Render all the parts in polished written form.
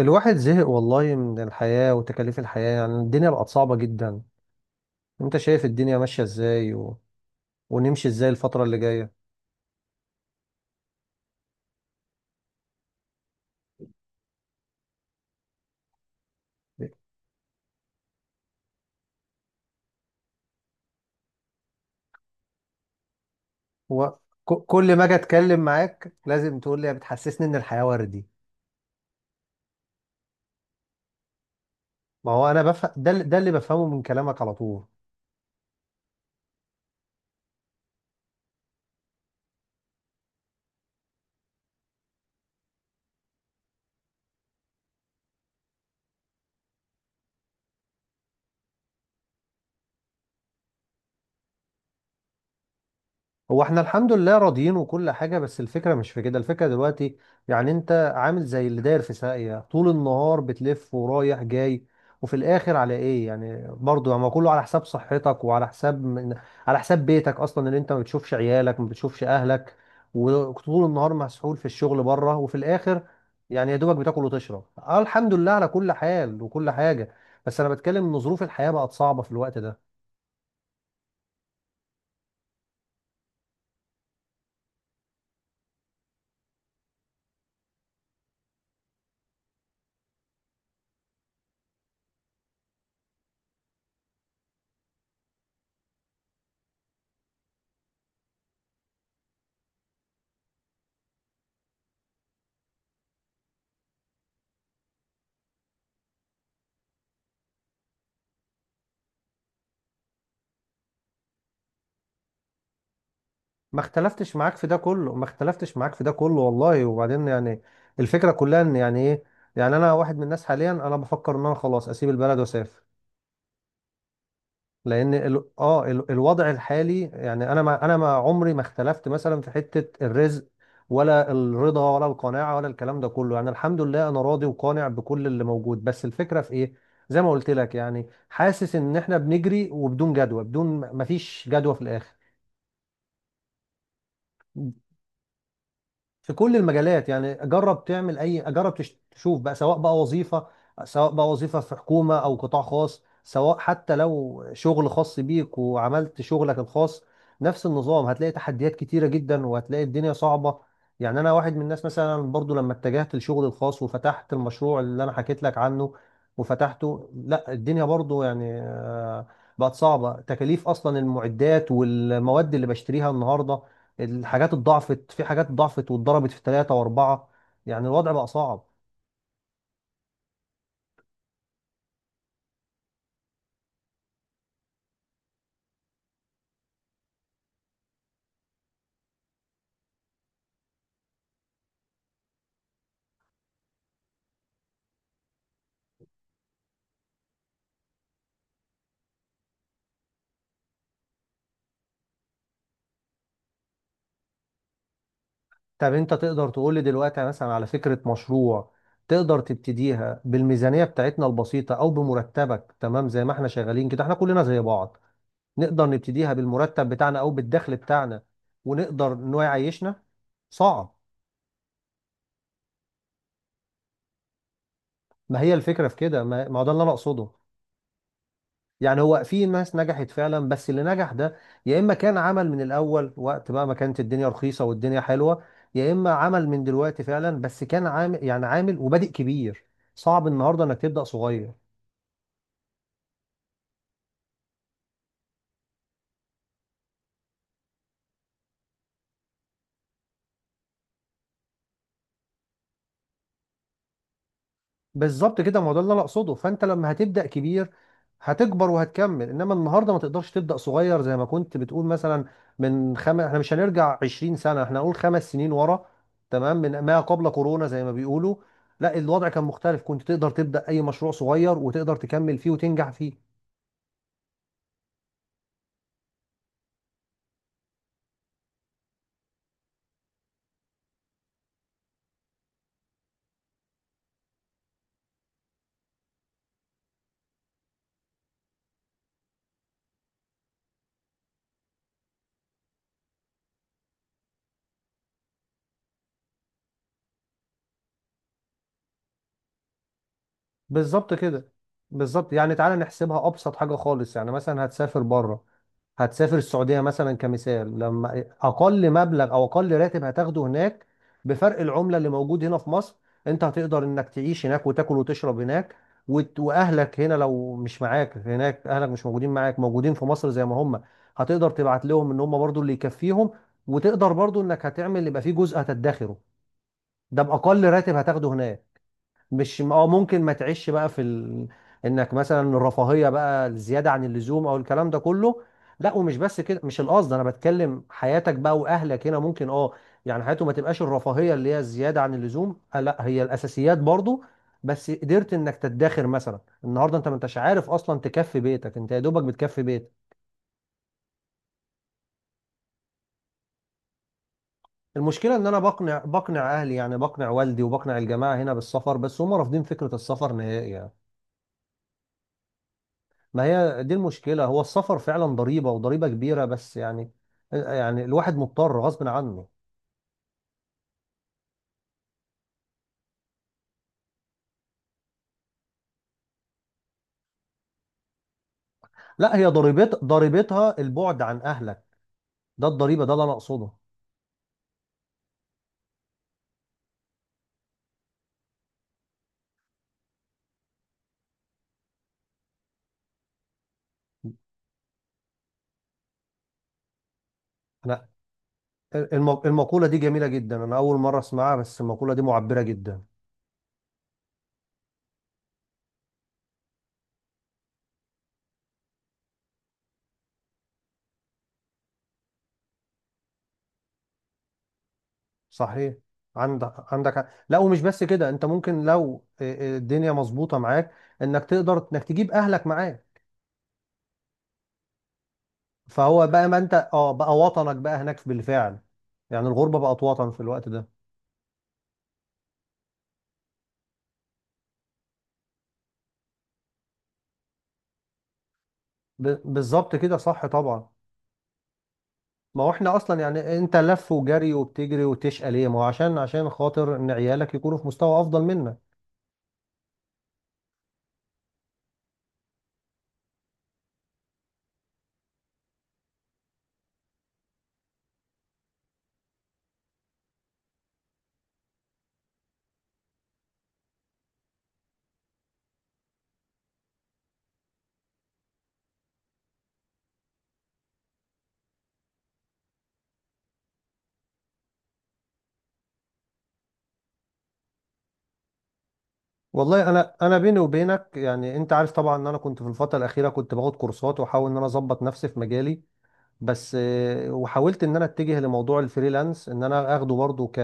الواحد زهق والله من الحياة وتكاليف الحياة، يعني الدنيا بقت صعبة جدا. انت شايف الدنيا ماشية ازاي ونمشي ازاي الفترة اللي جاية؟ و... كل ما اجي اتكلم معاك لازم تقول لي، بتحسسني ان الحياة وردي. ما هو انا بفهم ده، اللي بفهمه من كلامك على طول. هو احنا الحمد لله راضيين وكل حاجة، بس الفكرة مش في كده. الفكرة دلوقتي يعني انت عامل زي اللي داير في ساقية طول النهار بتلف ورايح جاي، وفي الاخر على ايه؟ يعني برضه ما كله على حساب صحتك وعلى حساب من، على حساب بيتك اصلا، اللي انت ما بتشوفش عيالك ما بتشوفش اهلك وطول النهار مسحول في الشغل بره، وفي الاخر يعني يا دوبك بتاكل وتشرب. اه الحمد لله على كل حال وكل حاجة، بس انا بتكلم ان ظروف الحياة بقت صعبة في الوقت ده. ما اختلفتش معاك في ده كله، ما اختلفتش معاك في ده كله والله، وبعدين يعني الفكرة كلها ان يعني ايه، يعني انا واحد من الناس حاليا انا بفكر ان انا خلاص اسيب البلد واسافر. لان ال... اه ال... الوضع الحالي يعني انا ما عمري ما اختلفت مثلا في حتة الرزق ولا الرضا ولا القناعة ولا الكلام ده كله. يعني الحمد لله انا راضي وقانع بكل اللي موجود، بس الفكرة في ايه؟ زي ما قلت لك، يعني حاسس ان احنا بنجري وبدون جدوى، بدون ما فيش جدوى في الاخر، في كل المجالات. يعني جرب تعمل اي جرب تش- تشوف بقى، سواء بقى وظيفه، سواء بقى وظيفه في حكومه او قطاع خاص، سواء حتى لو شغل خاص بيك وعملت شغلك الخاص، نفس النظام. هتلاقي تحديات كتيره جدا وهتلاقي الدنيا صعبه. يعني انا واحد من الناس مثلا، برضو لما اتجهت للشغل الخاص وفتحت المشروع اللي انا حكيت لك عنه وفتحته، لا الدنيا برضو يعني بقت صعبه. تكاليف اصلا المعدات والمواد اللي بشتريها النهارده، الحاجات اتضاعفت، في حاجات ضعفت واتضربت في ثلاثة وأربعة. يعني الوضع بقى صعب. طب أنت تقدر تقول لي دلوقتي يعني مثلا على فكرة مشروع، تقدر تبتديها بالميزانية بتاعتنا البسيطة أو بمرتبك؟ تمام، زي ما احنا شغالين كده احنا كلنا زي بعض، نقدر نبتديها بالمرتب بتاعنا أو بالدخل بتاعنا، ونقدر إن هو يعيشنا؟ صعب. ما هي الفكرة في كده، ما هو ده اللي أنا أقصده. يعني هو في ناس نجحت فعلا، بس اللي نجح ده يا اما كان عمل من الاول وقت بقى ما كانت الدنيا رخيصه والدنيا حلوه، يا اما عمل من دلوقتي فعلا بس كان عامل يعني عامل وبادئ كبير. صعب النهارده انك تبدا صغير. بالظبط كده، ما هو ده اللي انا اقصده. فانت لما هتبدا كبير هتكبر وهتكمل، انما النهارده ما تقدرش تبدا صغير زي ما كنت بتقول. مثلا من خمس، احنا مش هنرجع 20 سنه، احنا هنقول خمس سنين ورا، تمام، من ما قبل كورونا زي ما بيقولوا. لا الوضع كان مختلف، كنت تقدر تبدا اي مشروع صغير وتقدر تكمل فيه وتنجح فيه. بالظبط كده، بالظبط. يعني تعالى نحسبها ابسط حاجه خالص. يعني مثلا هتسافر بره، هتسافر السعودية مثلا كمثال، لما أقل مبلغ أو أقل راتب هتاخده هناك بفرق العملة اللي موجود هنا في مصر، أنت هتقدر إنك تعيش هناك وتاكل وتشرب هناك، وأهلك هنا لو مش معاك هناك، أهلك مش موجودين معاك، موجودين في مصر زي ما هم، هتقدر تبعت لهم إن هم برضو اللي يكفيهم، وتقدر برضو إنك هتعمل، يبقى في جزء هتدخره. ده بأقل راتب هتاخده هناك. مش اه ممكن ما تعيش بقى في انك مثلا الرفاهيه بقى، الزياده عن اللزوم او الكلام ده كله. لا ومش بس كده، مش القصد، انا بتكلم حياتك بقى. واهلك هنا ممكن اه يعني حياته ما تبقاش الرفاهيه اللي هي الزياده عن اللزوم، آه لا هي الاساسيات برضو، بس قدرت انك تدخر مثلا. النهارده انت ما انتش عارف اصلا تكفي بيتك، انت يا دوبك بتكفي بيتك. المشكله ان انا بقنع، بقنع اهلي يعني، بقنع والدي وبقنع الجماعه هنا بالسفر، بس هم رافضين فكره السفر نهائي يعني. ما هي دي المشكلة. هو السفر فعلا ضريبة وضريبة كبيرة، بس يعني يعني الواحد مضطر غصب عنه. لا هي ضريبتها البعد عن أهلك، ده الضريبة، ده اللي أنا أقصده. أنا المقولة دي جميلة جدا، أنا أول مرة أسمعها، بس المقولة دي معبرة جدا. صحيح. عندك حق. لا ومش بس كده، أنت ممكن لو الدنيا مظبوطة معاك إنك تقدر إنك تجيب أهلك معاك. فهو بقى، ما أنت أه بقى وطنك بقى هناك بالفعل، يعني الغربة بقت وطن في الوقت ده. بالظبط كده، صح طبعا. ما هو احنا اصلا يعني انت لف وجري وبتجري وتشقى ليه؟ ما هو عشان، عشان خاطر ان عيالك يكونوا في مستوى افضل منك. والله انا بيني وبينك، يعني انت عارف طبعا ان انا كنت في الفتره الاخيره كنت باخد كورسات واحاول ان انا اظبط نفسي في مجالي، بس وحاولت ان انا اتجه لموضوع الفريلانس، ان انا اخده برضو ك،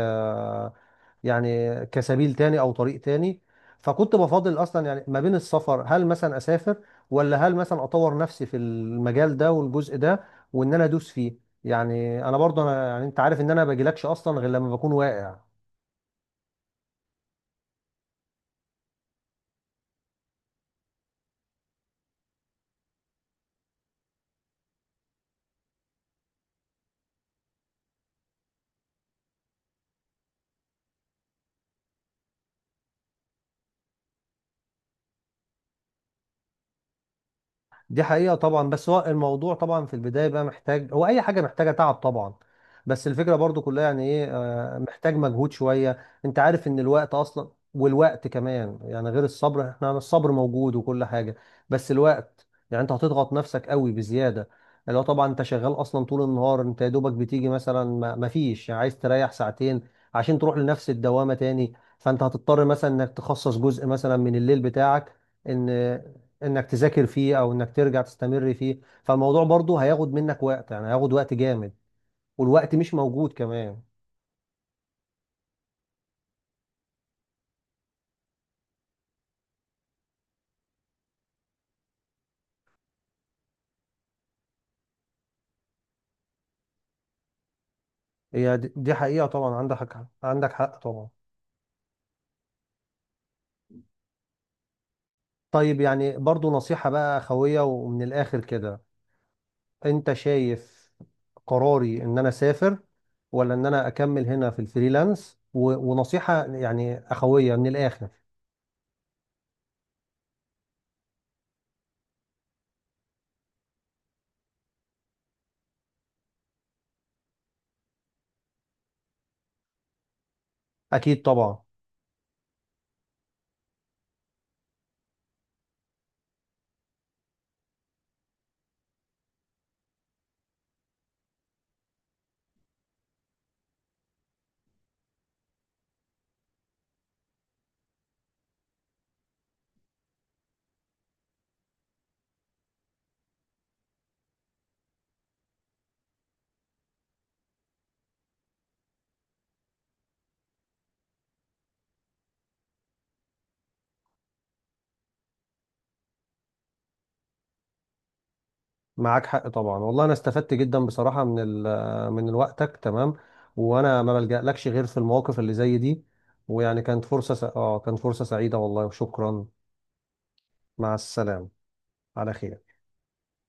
يعني كسبيل تاني او طريق تاني. فكنت بفاضل اصلا يعني ما بين السفر، هل مثلا اسافر ولا هل مثلا اطور نفسي في المجال ده والجزء ده وان انا ادوس فيه. يعني انا برضو انا، يعني انت عارف ان انا ما باجيلكش اصلا غير لما بكون واقع. دي حقيقة طبعا، بس هو الموضوع طبعا في البداية بقى محتاج، هو أي حاجة محتاجة تعب طبعا، بس الفكرة برضو كلها يعني إيه، محتاج مجهود شوية. أنت عارف إن الوقت أصلا، والوقت كمان يعني غير الصبر، إحنا الصبر موجود وكل حاجة، بس الوقت يعني أنت هتضغط نفسك قوي بزيادة، اللي هو طبعا أنت شغال أصلا طول النهار، أنت يا دوبك بتيجي مثلا، ما فيش يعني، عايز تريح ساعتين عشان تروح لنفس الدوامة تاني. فأنت هتضطر مثلا إنك تخصص جزء مثلا من الليل بتاعك ان انك تذاكر فيه او انك ترجع تستمر فيه. فالموضوع برضه هياخد منك وقت، يعني هياخد وقت جامد، والوقت مش موجود كمان. هي دي حقيقة طبعا، عندك حق طبعا. طيب يعني برضه نصيحة بقى خوية ومن الاخر كده، انت شايف قراري ان انا اسافر ولا ان انا اكمل هنا في الفريلانس؟ ونصيحة يعني اخوية من الاخر. اكيد طبعا. معاك حق طبعا، والله انا استفدت جدا بصراحه من ال من وقتك تمام، وانا ما بلجألكش غير في المواقف اللي زي دي. ويعني كانت فرصه س... اه كانت فرصه سعيده والله، وشكرا. مع السلامه، على خير.